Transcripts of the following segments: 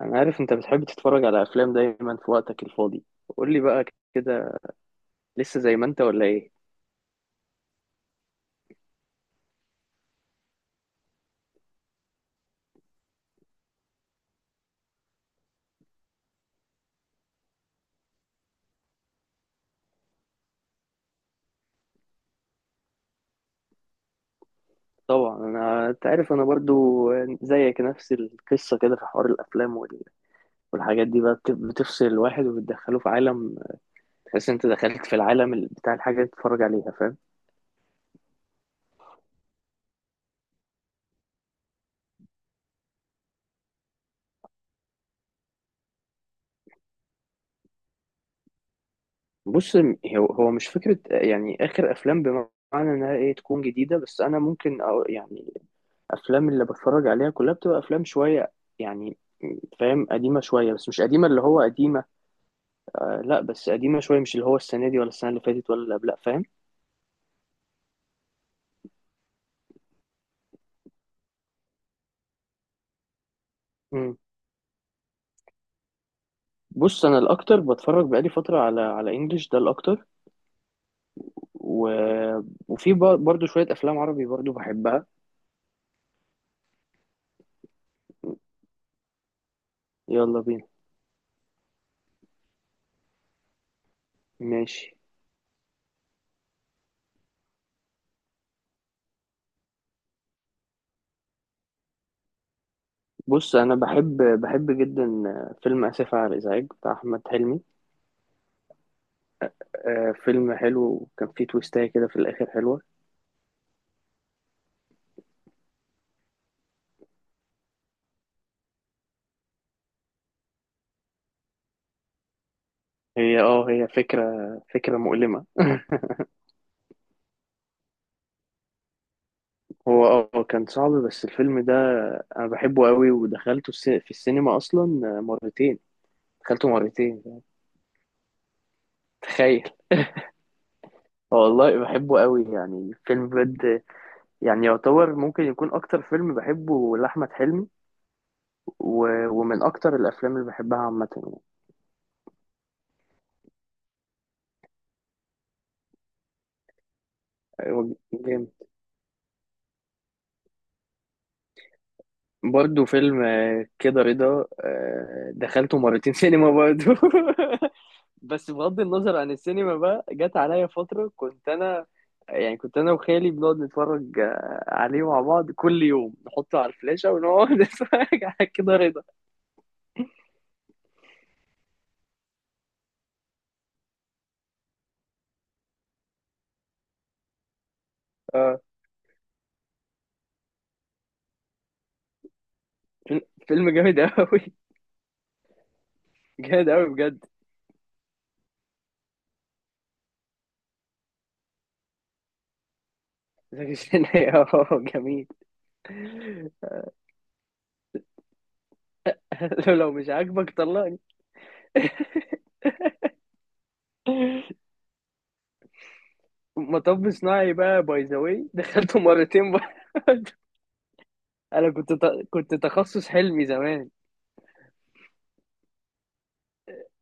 انا عارف انت بتحب تتفرج على افلام دايما في وقتك الفاضي. قول لي بقى كده، لسه زي ما انت ولا ايه؟ طبعا، انت عارف انا برضو زيك، نفس القصه كده، في حوار الافلام والحاجات دي بقى بتفصل الواحد وبتدخله في عالم. تحس انت دخلت في العالم بتاع الحاجه اللي بتتفرج عليها، فاهم؟ بص، هو مش فكره يعني اخر افلام بمعنى انها ايه تكون جديده، بس انا ممكن أقول يعني افلام اللي بتفرج عليها كلها بتبقى افلام شويه، يعني، فاهم، قديمه شويه، بس مش قديمه اللي هو قديمه. لا، بس قديمة شوية، مش اللي هو السنة دي ولا السنة اللي فاتت ولا اللي قبلها، فاهم؟ مم. بص، أنا الأكتر بتفرج بقالي فترة على إنجلش، ده الأكتر. و... وفي برضو شوية أفلام عربي برضو بحبها. يلا بينا. ماشي. بص، أنا بحب جدا فيلم آسف على الإزعاج بتاع أحمد حلمي. آه، فيلم حلو، كان فيه تويستاية كده في الآخر حلوة. هي فكرة مؤلمة. هو كان صعب، بس الفيلم ده أنا بحبه قوي، ودخلته في السينما أصلا مرتين. اكلته مرتين، تخيل. والله بحبه قوي، يعني فيلم بجد، يعني يعتبر ممكن يكون اكتر فيلم بحبه لاحمد حلمي. و... ومن اكتر الافلام اللي بحبها عامه. يعني هو جامد. برضه فيلم كده رضا، دخلته مرتين سينما برضه. بس بغض النظر عن السينما بقى، جت عليا فتره كنت انا، يعني كنت انا وخالي بنقعد نتفرج عليه مع بعض كل يوم، نحطه على الفلاشه ونقعد نتفرج على كده رضا. آه. فيلم فيلم جامد أوي. جامد أوي، بجد. زكي شان اه، جميل. لو مش عاجبك طلقني. مطب صناعي بقى، باي ذا واي دخلته مرتين بقى. انا كنت تخصص حلمي زمان.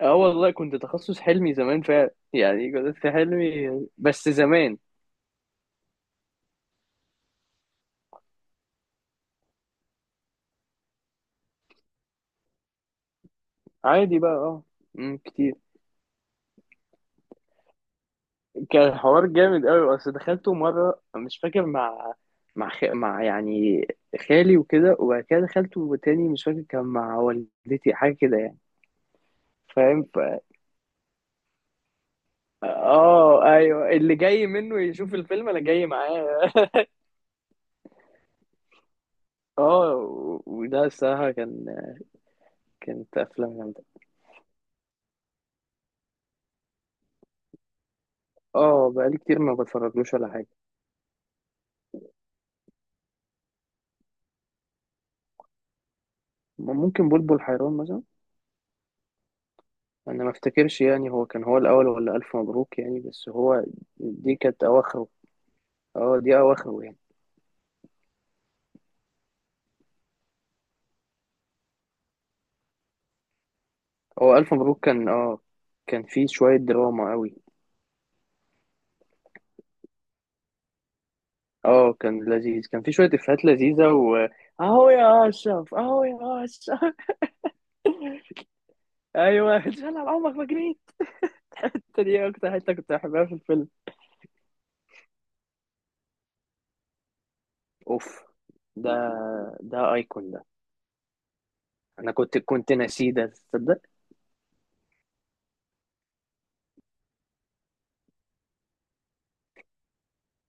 اه والله، كنت تخصص حلمي زمان فعلا، يعني كنت في حلمي بس زمان. عادي بقى، اه. كتير. كان حوار جامد قوي، بس دخلته مره، مش فاكر مع يعني خالي وكده، وبعد كده دخلته تاني مش فاكر، كان مع والدتي حاجه كده يعني. فاهم؟ اه، ايوه، اللي جاي منه يشوف الفيلم انا جاي معاه. اه، و- وده الصراحه كان، كانت افلام جامده. اه، بقالي كتير ما بتفرجلوش ولا حاجه. ممكن بلبل حيران مثلا. انا ما افتكرش يعني، هو كان الاول ولا الف مبروك يعني، بس هو دي كانت اواخره. اه، دي اواخره يعني. هو ألف مبروك كان فيه شوية دراما قوي. اه، كان لذيذ، كان فيه شوية إفيهات لذيذة أهو يا أشرف، أهو يا أشرف. أيوه، اتشال على عمرك ما جريت. دي أكتر حتة كنت بحبها في الفيلم. أوف، ده ده أيكون ده. أنا كنت ناسيه ده، تصدق.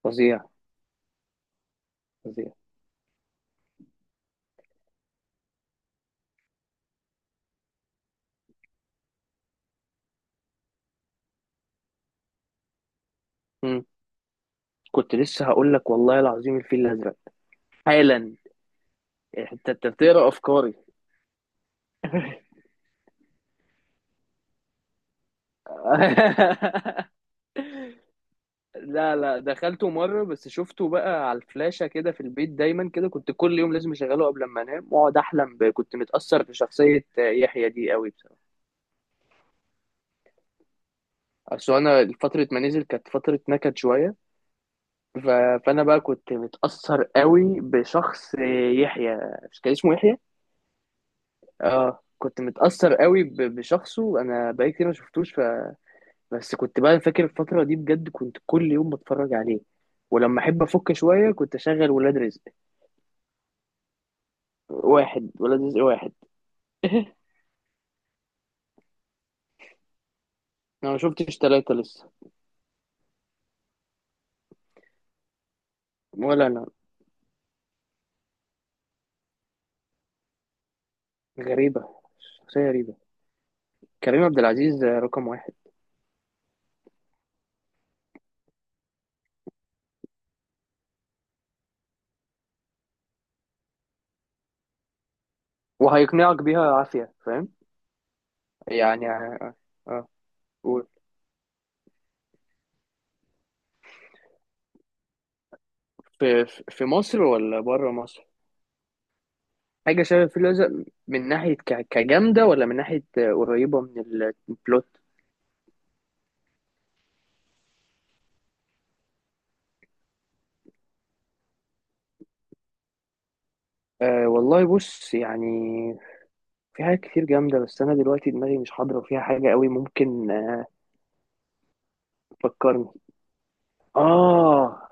فظيع، فظيع. مم. كنت لسه هقول لك، والله العظيم الفيل الأزرق، حالا. إيه، انت بتقرا افكاري؟ لا، لا، دخلته مرة بس، شفته بقى على الفلاشة كده في البيت دايما كده، كنت كل يوم لازم اشغله قبل ما انام، واقعد احلم كنت متأثر بشخصية يحيى دي قوي بصراحة. اصل انا فترة ما نزل كانت فترة نكد شوية، ف... فانا بقى كنت متأثر قوي بشخص يحيى. مش كان اسمه يحيى؟ اه، كنت متأثر قوي ب... بشخصه. انا بقالي كتير ما شفتوش. بس كنت بقى فاكر الفترة دي، بجد كنت كل يوم بتفرج عليه. ولما احب افك شوية كنت اشغل ولاد رزق واحد، ولاد رزق واحد. انا ما شفتش ثلاثة لسه. ولا انا. غريبة شخصية غريبة. كريم عبد العزيز رقم واحد. وهيقنعك بيها عافية، فاهم؟ يعني اه، آه. قول. في مصر ولا بره مصر؟ حاجة شبه الفيل الأزرق من ناحية ك- كجامدة، ولا من ناحية قريبة من ال- البلوت؟ أه والله، بص يعني، في حاجات كتير جامدة بس أنا دلوقتي دماغي مش حاضرة فيها، حاجة قوي ممكن تفكرني. آه،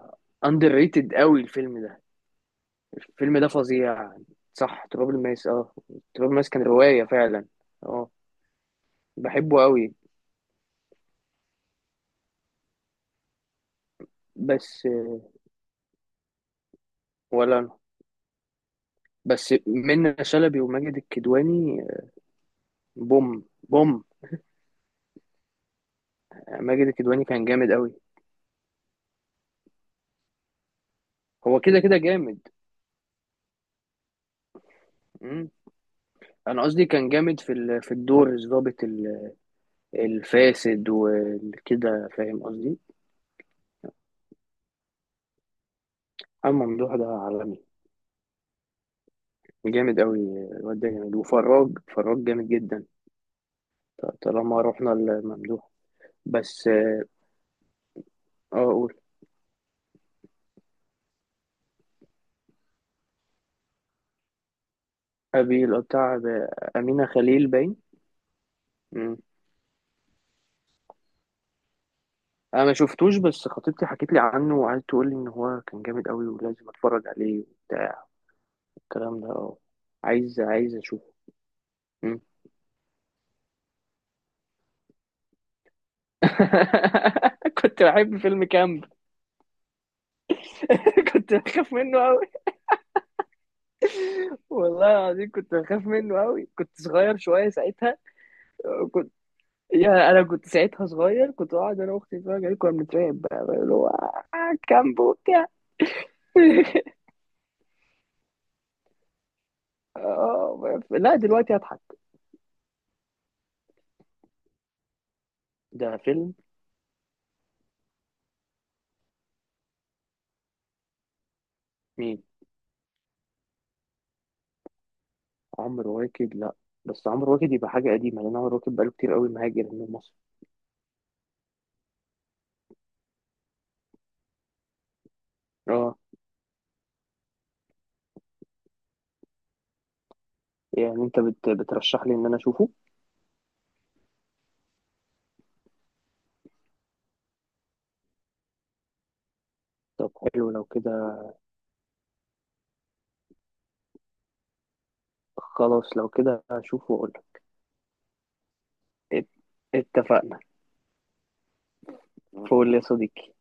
أندر ريتد قوي الفيلم ده. الفيلم ده فظيع يعني. صح، تراب الماس، اه. تراب الماس كان رواية فعلا. اه، بحبه قوي. بس ولا أنا. بس منة شلبي وماجد الكدواني، بوم، بوم. ماجد الكدواني كان جامد قوي. هو كده كده جامد. مم. انا قصدي كان جامد في الدور الضابط ال- الفاسد وكده، فاهم قصدي؟ اما ممدوح ده عالمي، جامد قوي. الواد ده جامد، وفراج، فراج جامد جدا. ط- طالما رحنا لممدوح. بس اه، قول. أبي بتاع أمينة خليل باين. مم. أنا ما شفتوش، بس خطيبتي حكيت لي عنه، وقعدت تقول لي إن هو كان جامد قوي ولازم أتفرج عليه وبتاع الكلام ده، أه. عايز أشوفه. مم. كنت بحب فيلم كامب. كنت بخاف منه قوي، والله العظيم كنت بخاف منه قوي، كنت صغير شوية ساعتها. كنت يا انا كنت ساعتها صغير، كنت قاعد انا واختي نتفرج عليه، كنا بنترعب بقى اللي هو كامب وبتاع. آه، لا، دلوقتي اضحك. ده فيلم؟ مين؟ عمرو واكد. لا، بس عمرو واكد يبقى حاجة قديمة لأن عمرو واكد بقاله كتير قوي مهاجر من مصر. اه، يعني أنت بترشح لي إن أنا أشوفه؟ طب حلو لو كده. خلاص لو كده أشوفه وأقول لك. ات- اتفقنا. فول يا صديقي.